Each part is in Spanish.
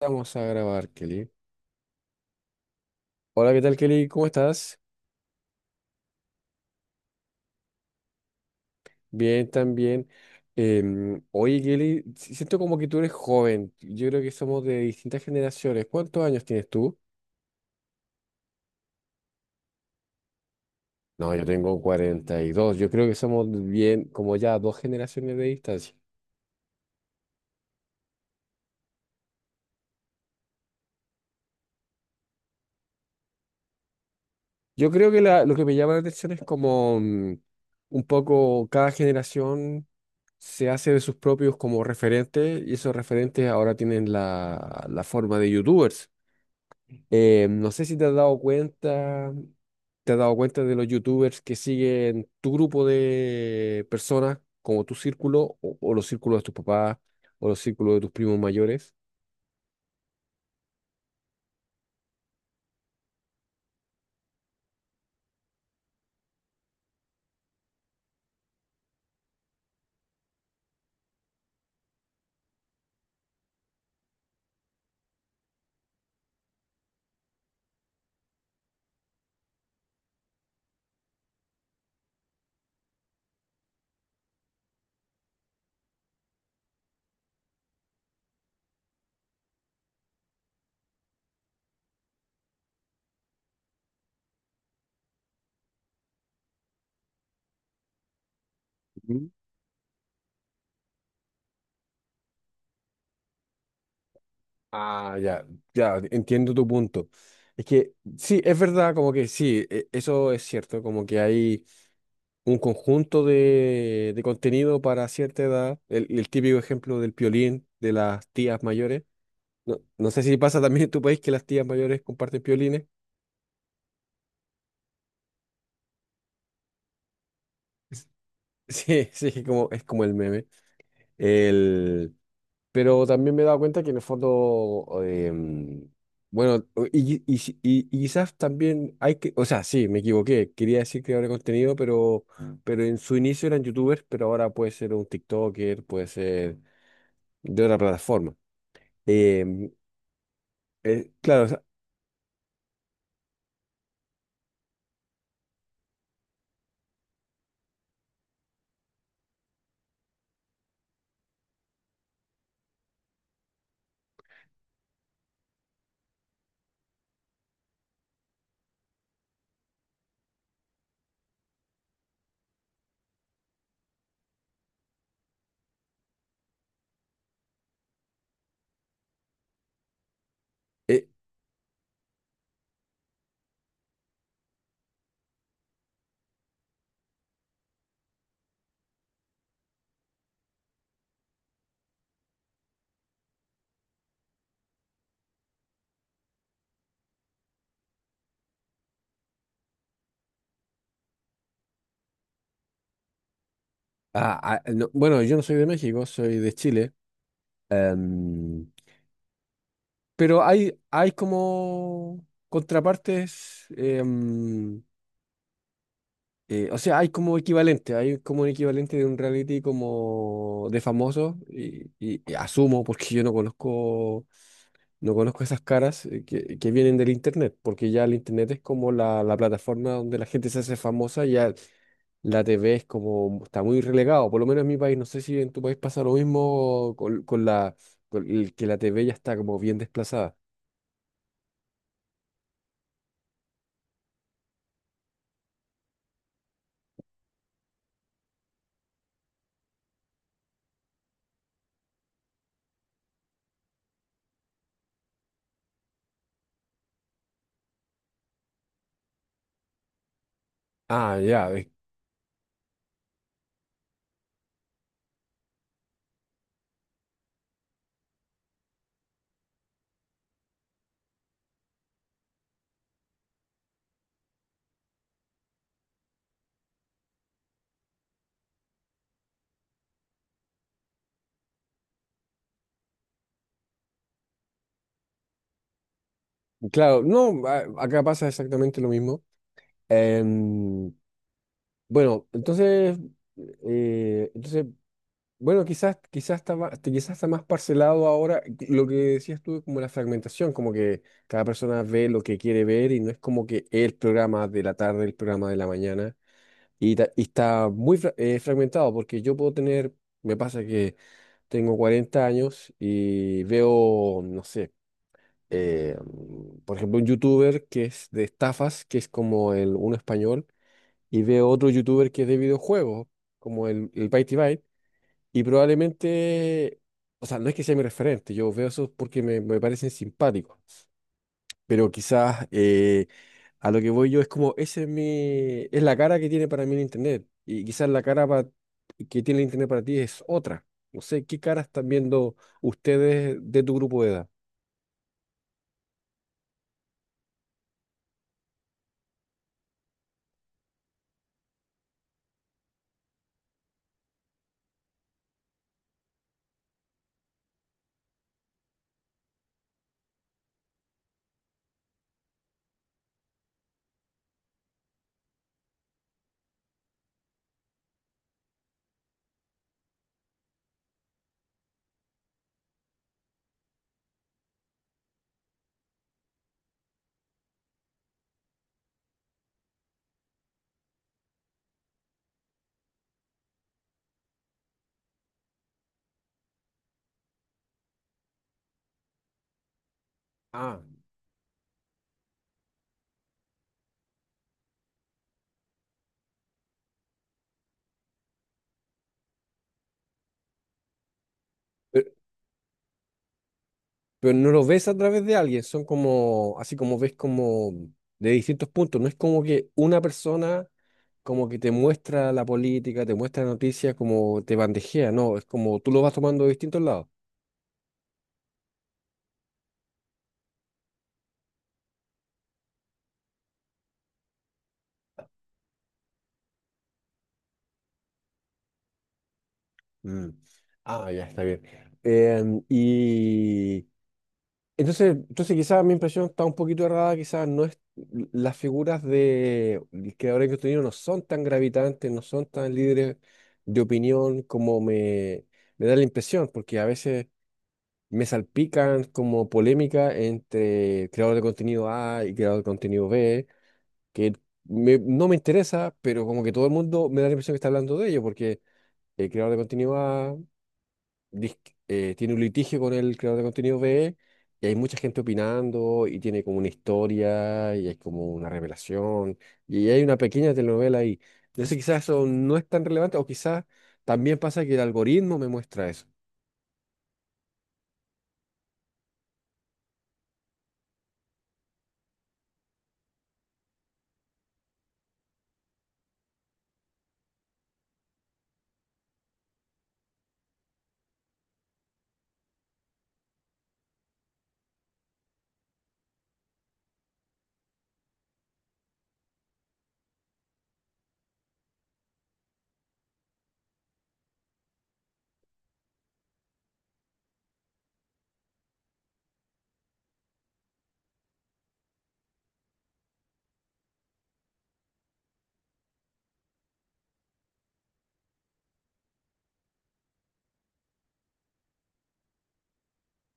Vamos a grabar, Kelly. Hola, ¿qué tal, Kelly? ¿Cómo estás? Bien, también. Oye, Kelly, siento como que tú eres joven. Yo creo que somos de distintas generaciones. ¿Cuántos años tienes tú? No, yo tengo 42. Yo creo que somos bien, como ya dos generaciones de distancia. Yo creo que lo que me llama la atención es como un poco cada generación se hace de sus propios como referentes y esos referentes ahora tienen la forma de youtubers. No sé si te has dado cuenta, te has dado cuenta de los youtubers que siguen tu grupo de personas, como tu círculo, o los círculos de tus papás, o los círculos de tus primos mayores. Ujú. Ah, ya, ya, entiendo tu punto. Es que sí, es verdad, como que sí, eso es cierto, como que hay un conjunto de contenido para cierta edad, el típico ejemplo del piolín de las tías mayores. No, no sé si pasa también en tu país que las tías mayores comparten piolines. Sí, sí, es como el meme. El, pero también me he dado cuenta que en el fondo, bueno, y quizás también hay que, o sea, sí, me equivoqué, quería decir creador de contenido, pero en su inicio eran youtubers, pero ahora puede ser un TikToker, puede ser de otra plataforma. Em, claro, o sea, eh, ah, ah, no, bueno, yo no soy de México, soy de Chile. em, Pero hay como contrapartes, o sea, hay como equivalente, hay como un equivalente de un reality como de famosos, y asumo, porque yo no conozco, no conozco esas caras que vienen del internet, porque ya el internet es como la plataforma donde la gente se hace famosa, y ya la TV es como, está muy relegado, por lo menos en mi país, no sé si en tu país pasa lo mismo con la, con el que la TV ya está como bien desplazada. Ah, ya. Claro, no, acá pasa exactamente lo mismo. Em, bueno, entonces, entonces, bueno, quizás, quizás está más, este, quizás está más parcelado ahora. Lo que decías tú, como la fragmentación, como que cada persona ve lo que quiere ver y no es como que el programa de la tarde, el programa de la mañana. Y está muy fragmentado porque yo puedo tener, me pasa que tengo 40 años y veo, no sé por ejemplo, un youtuber que es de estafas, que es como el uno español, y veo otro youtuber que es de videojuegos, como el Byte y Byte, y probablemente, o sea, no es que sea mi referente, yo veo eso porque me parecen simpáticos, pero quizás a lo que voy yo es como, ese es mi, es la cara que tiene para mí el internet, y quizás la cara que tiene el internet para ti es otra. No sé, ¿qué cara están viendo ustedes de tu grupo de edad? Ah. Pero no lo ves a través de alguien, son como, así como ves como de distintos puntos, no es como que una persona como que te muestra la política, te muestra la noticia, como te bandejea, no, es como tú lo vas tomando de distintos lados. Mm. Ah, ya está bien. Y entonces, entonces quizás mi impresión está un poquito errada, quizás no es, las figuras de del creador de contenido no son tan gravitantes, no son tan líderes de opinión como me da la impresión, porque a veces me salpican como polémica entre creador de contenido A y creador de contenido B, que no me interesa, pero como que todo el mundo me da la impresión que está hablando de ello, porque el creador de contenido A dis- tiene un litigio con el creador de contenido B y hay mucha gente opinando y tiene como una historia y hay como una revelación y hay una pequeña telenovela ahí. Entonces quizás eso no es tan relevante o quizás también pasa que el algoritmo me muestra eso.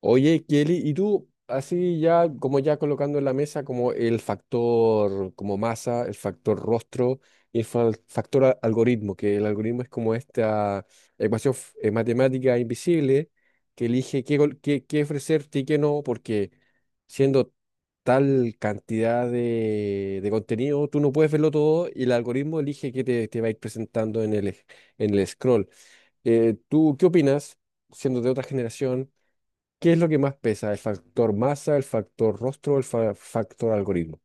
Oye, Kelly, y tú, así ya, como ya colocando en la mesa como el factor como masa, el factor rostro y el algoritmo, que el algoritmo es como esta ecuación matemática invisible que elige qué ofrecerte y qué no, porque siendo tal cantidad de contenido, tú no puedes verlo todo y el algoritmo elige qué te va a ir presentando en en el scroll. ¿Tú qué opinas, siendo de otra generación? ¿Qué es lo que más pesa? ¿El factor masa, el factor rostro o el factor algoritmo?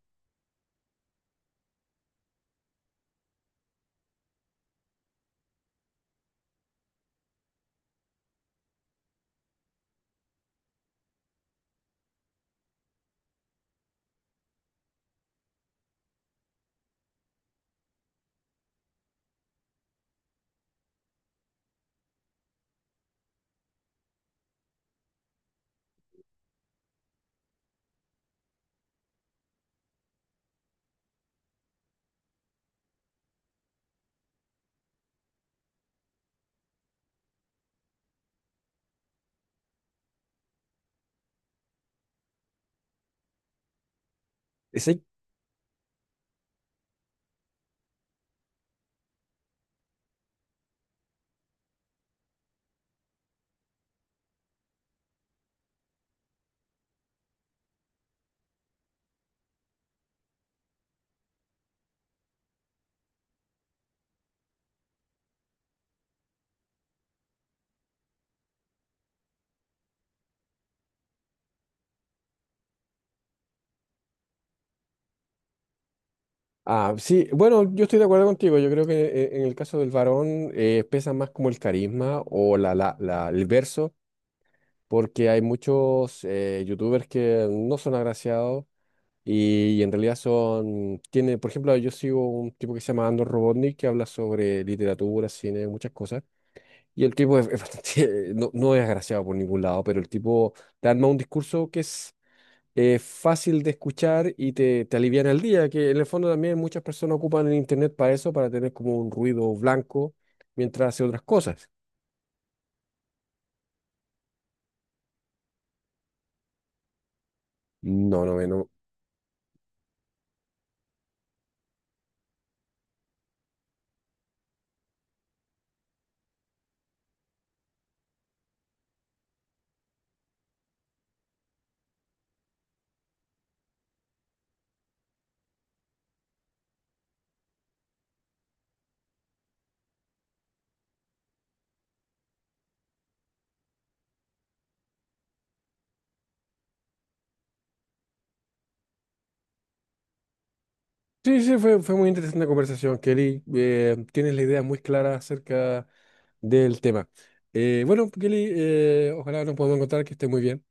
Ese- Ah, sí, bueno, yo estoy de acuerdo contigo. Yo creo que en el caso del varón pesa más como el carisma o el verso, porque hay muchos youtubers que no son agraciados y, en realidad son, tiene, por ejemplo, yo sigo un tipo que se llama Andor Robotnik que habla sobre literatura, cine, muchas cosas. Y el tipo es bastante, no, no es agraciado por ningún lado, pero el tipo te arma un discurso que es fácil de escuchar y te aliviana el día, que en el fondo también muchas personas ocupan el internet para eso, para tener como un ruido blanco mientras hace otras cosas. No, no, no. Sí, sí, fue muy interesante la conversación, Kelly. Tienes la idea muy clara acerca del tema. Bueno, Kelly, ojalá nos podamos encontrar, que esté muy bien.